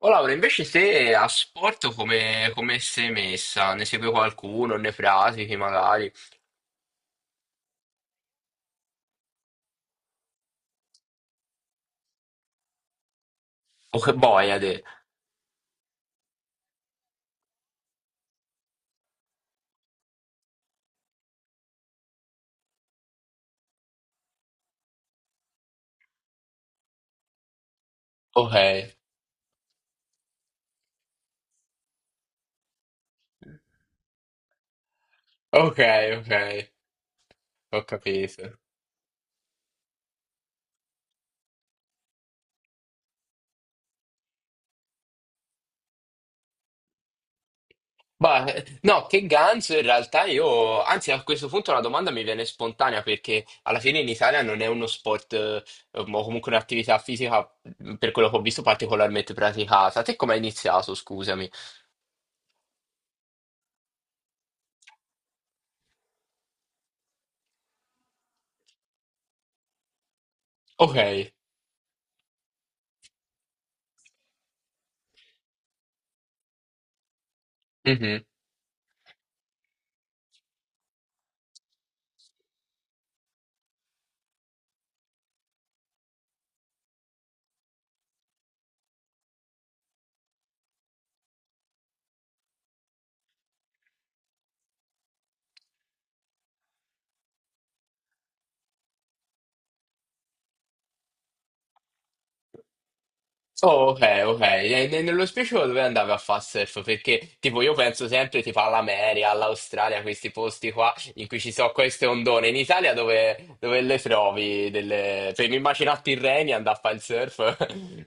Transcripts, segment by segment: Oh Laura, invece se a sport come, come sei messa? Ne segui qualcuno? Ne pratichi magari? O che boia te? Ok, ok, ok, ho capito. Ma no, che ganzo in realtà io, anzi a questo punto la domanda mi viene spontanea perché alla fine in Italia non è uno sport o comunque un'attività fisica per quello che ho visto particolarmente praticata. Te come hai iniziato, scusami? Ok. Oh, ok, ok. E nello specifico dove andavi a fare surf? Perché tipo io penso sempre tipo all'America, all'Australia, questi posti qua in cui ci sono queste ondone. In Italia dove, dove le trovi? Delle... Per mi immagino a Tirrenia andare a fare il surf.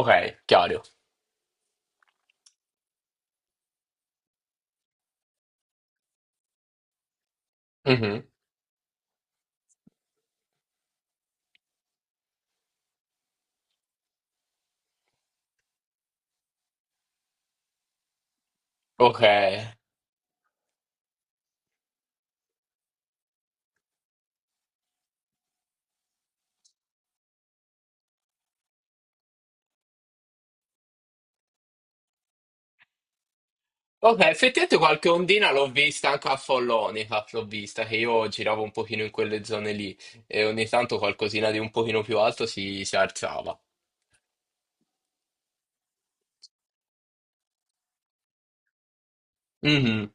Ok, chiaro. Mhm. Ok. Ok, effettivamente qualche ondina l'ho vista anche a Follonica, l'ho vista, che io giravo un pochino in quelle zone lì e ogni tanto qualcosina di un pochino più alto si alzava. Mhm.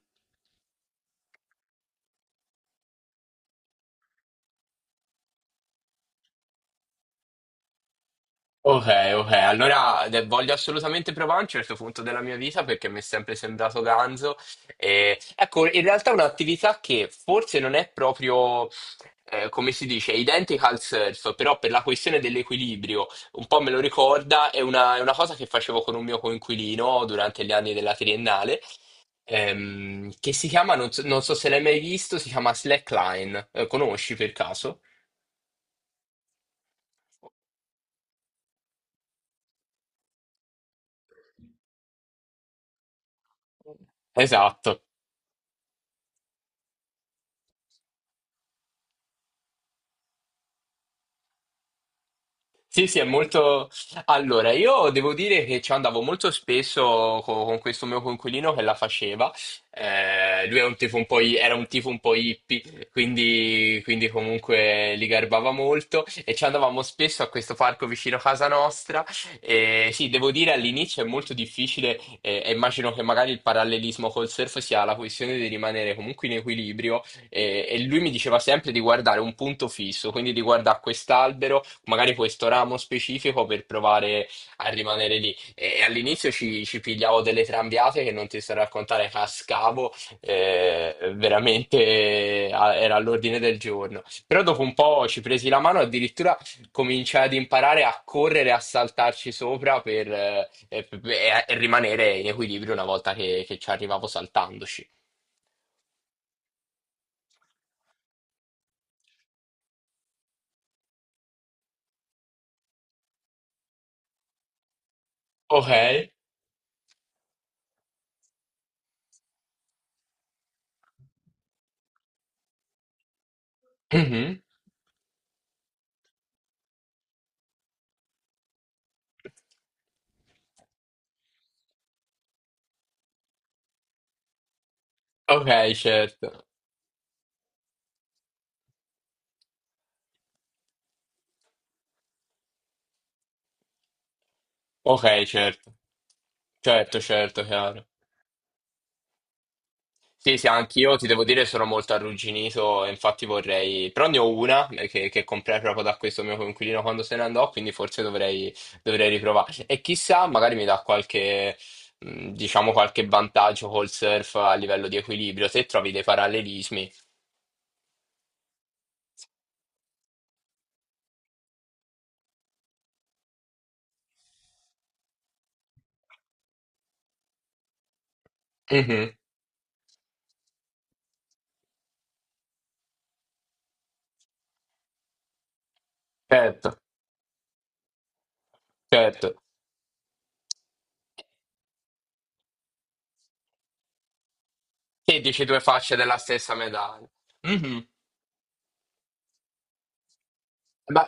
Ok, ok, allora voglio assolutamente provare a un certo punto della mia vita perché mi è sempre sembrato ganzo. E, ecco, in realtà è un'attività che forse non è proprio, come si dice, identica al surf, però per la questione dell'equilibrio, un po' me lo ricorda, è una cosa che facevo con un mio coinquilino durante gli anni della triennale, che si chiama, non so, non so se l'hai mai visto, si chiama slackline. Conosci per caso? Esatto. Sì, sì, è molto... Allora, io devo dire che ci andavo molto spesso con questo mio coinquilino che la faceva. Lui è un tipo un po', era un tipo un po' hippie, quindi comunque li garbava molto e ci andavamo spesso a questo parco vicino a casa nostra. E sì, devo dire all'inizio è molto difficile e immagino che magari il parallelismo col surf sia la questione di rimanere comunque in equilibrio e lui mi diceva sempre di guardare un punto fisso, quindi di guardare quest'albero magari questo ramo specifico per provare a rimanere lì. E all'inizio ci pigliavo delle trambiate che non ti sto a raccontare, cascavo, era all'ordine del giorno. Però dopo un po' ci presi la mano, addirittura cominciai ad imparare a correre, a saltarci sopra per, e rimanere in equilibrio una volta che ci arrivavo saltandoci. Ok. Mhm. Ok, certo, ok, certo, certo, certo, chiaro. Sì, sì, anch'io ti devo dire sono molto arrugginito, e infatti vorrei... Però ne ho una che comprai proprio da questo mio coinquilino quando se ne andò, quindi forse dovrei riprovarci. E chissà, magari mi dà qualche, diciamo, qualche vantaggio col surf a livello di equilibrio, se trovi dei parallelismi. Mhm. Certo, certo. Che dici, due facce della stessa medaglia. Mhm. Ma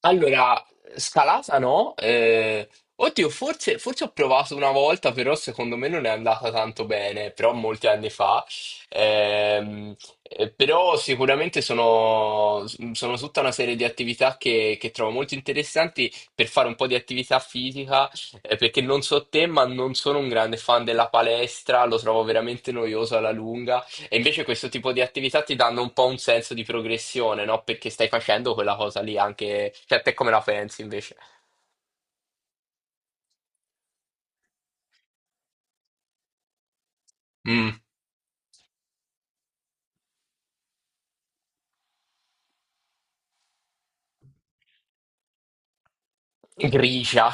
Allora, scalata no? Oddio, forse, forse ho provato una volta, però secondo me non è andata tanto bene, però molti anni fa. Ehm, però sicuramente sono tutta una serie di attività che trovo molto interessanti per fare un po' di attività fisica, perché non so te, ma non sono un grande fan della palestra, lo trovo veramente noioso alla lunga. E invece questo tipo di attività ti danno un po' un senso di progressione, no? Perché stai facendo quella cosa lì anche... Cioè, te come la pensi invece? Mm. Grigia.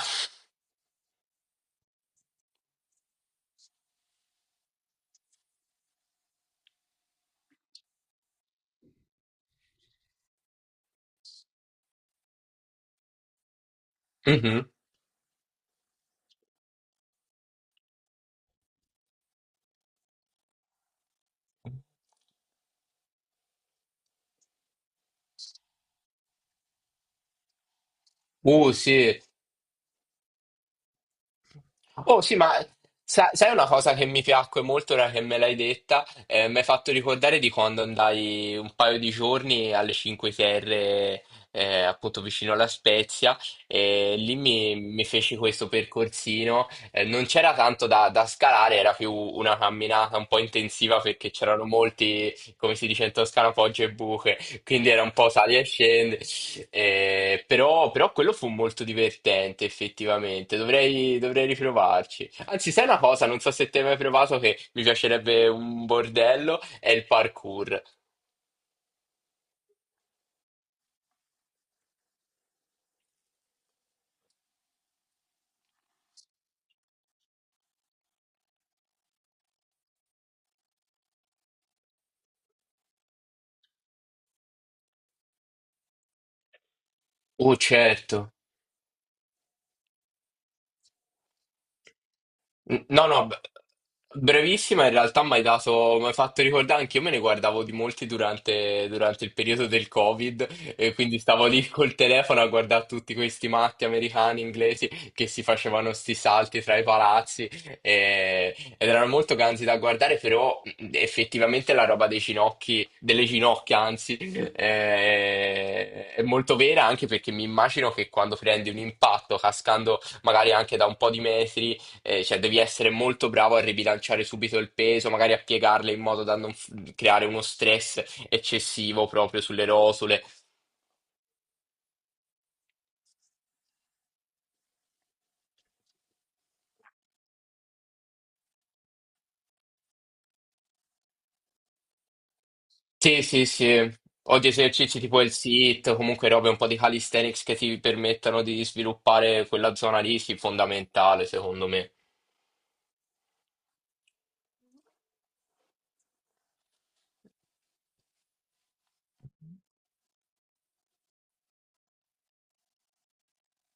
Mhm. Sì. Oh sì, ma sai una cosa che mi piacque molto ora che me l'hai detta? Mi hai fatto ricordare di quando andai un paio di giorni alle Cinque Terre, appunto vicino alla Spezia, e lì mi feci questo percorsino. Non c'era tanto da scalare, era più una camminata un po' intensiva perché c'erano molti, come si dice in Toscana, poggi e buche, quindi era un po' sali e scendi. Però quello fu molto divertente effettivamente, dovrei riprovarci. Anzi, sai una cosa, non so se te hai mai provato che mi piacerebbe un bordello, è il parkour. Oh, certo. No, no, brevissima, in realtà mi hai dato, mi hai fatto ricordare, anche io me ne guardavo di molti durante, durante il periodo del Covid, e quindi stavo lì col telefono a guardare tutti questi matti americani, inglesi, che si facevano sti salti tra i palazzi, ed erano molto ganzi da guardare, però effettivamente la roba dei ginocchi, delle ginocchia anzi, è molto vera, anche perché mi immagino che quando prendi un impatto cascando magari anche da un po' di metri, cioè, devi essere molto bravo a ribilanciare subito il peso, magari a piegarle in modo da non creare uno stress eccessivo proprio sulle rosole. Sì, sì, sì. O di esercizi tipo il sit, comunque robe un po' di calisthenics che ti permettano di sviluppare quella zona lì, sì, fondamentale, secondo me.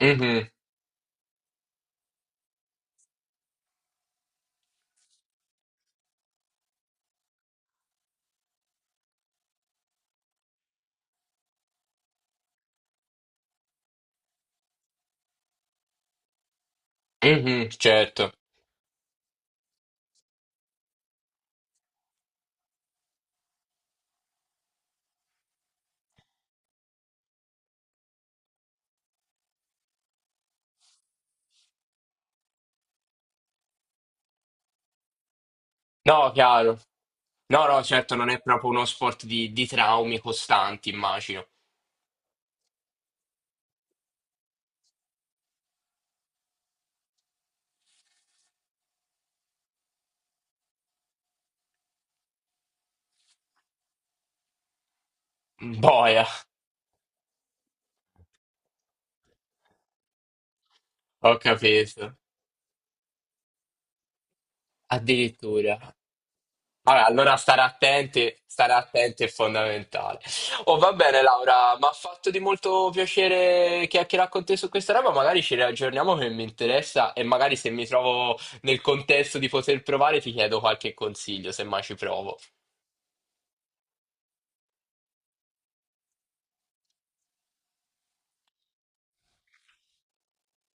Mhm, mhm, certo. No, chiaro. No, no, certo, non è proprio uno sport di traumi costanti, immagino. Boia, ho capito. Addirittura. Vabbè, allora stare attenti è fondamentale. Oh, va bene, Laura, mi ha fatto di molto piacere chiacchierare con te su questa roba. Magari ci riaggiorniamo che mi interessa e magari se mi trovo nel contesto di poter provare ti chiedo qualche consiglio, se mai ci provo.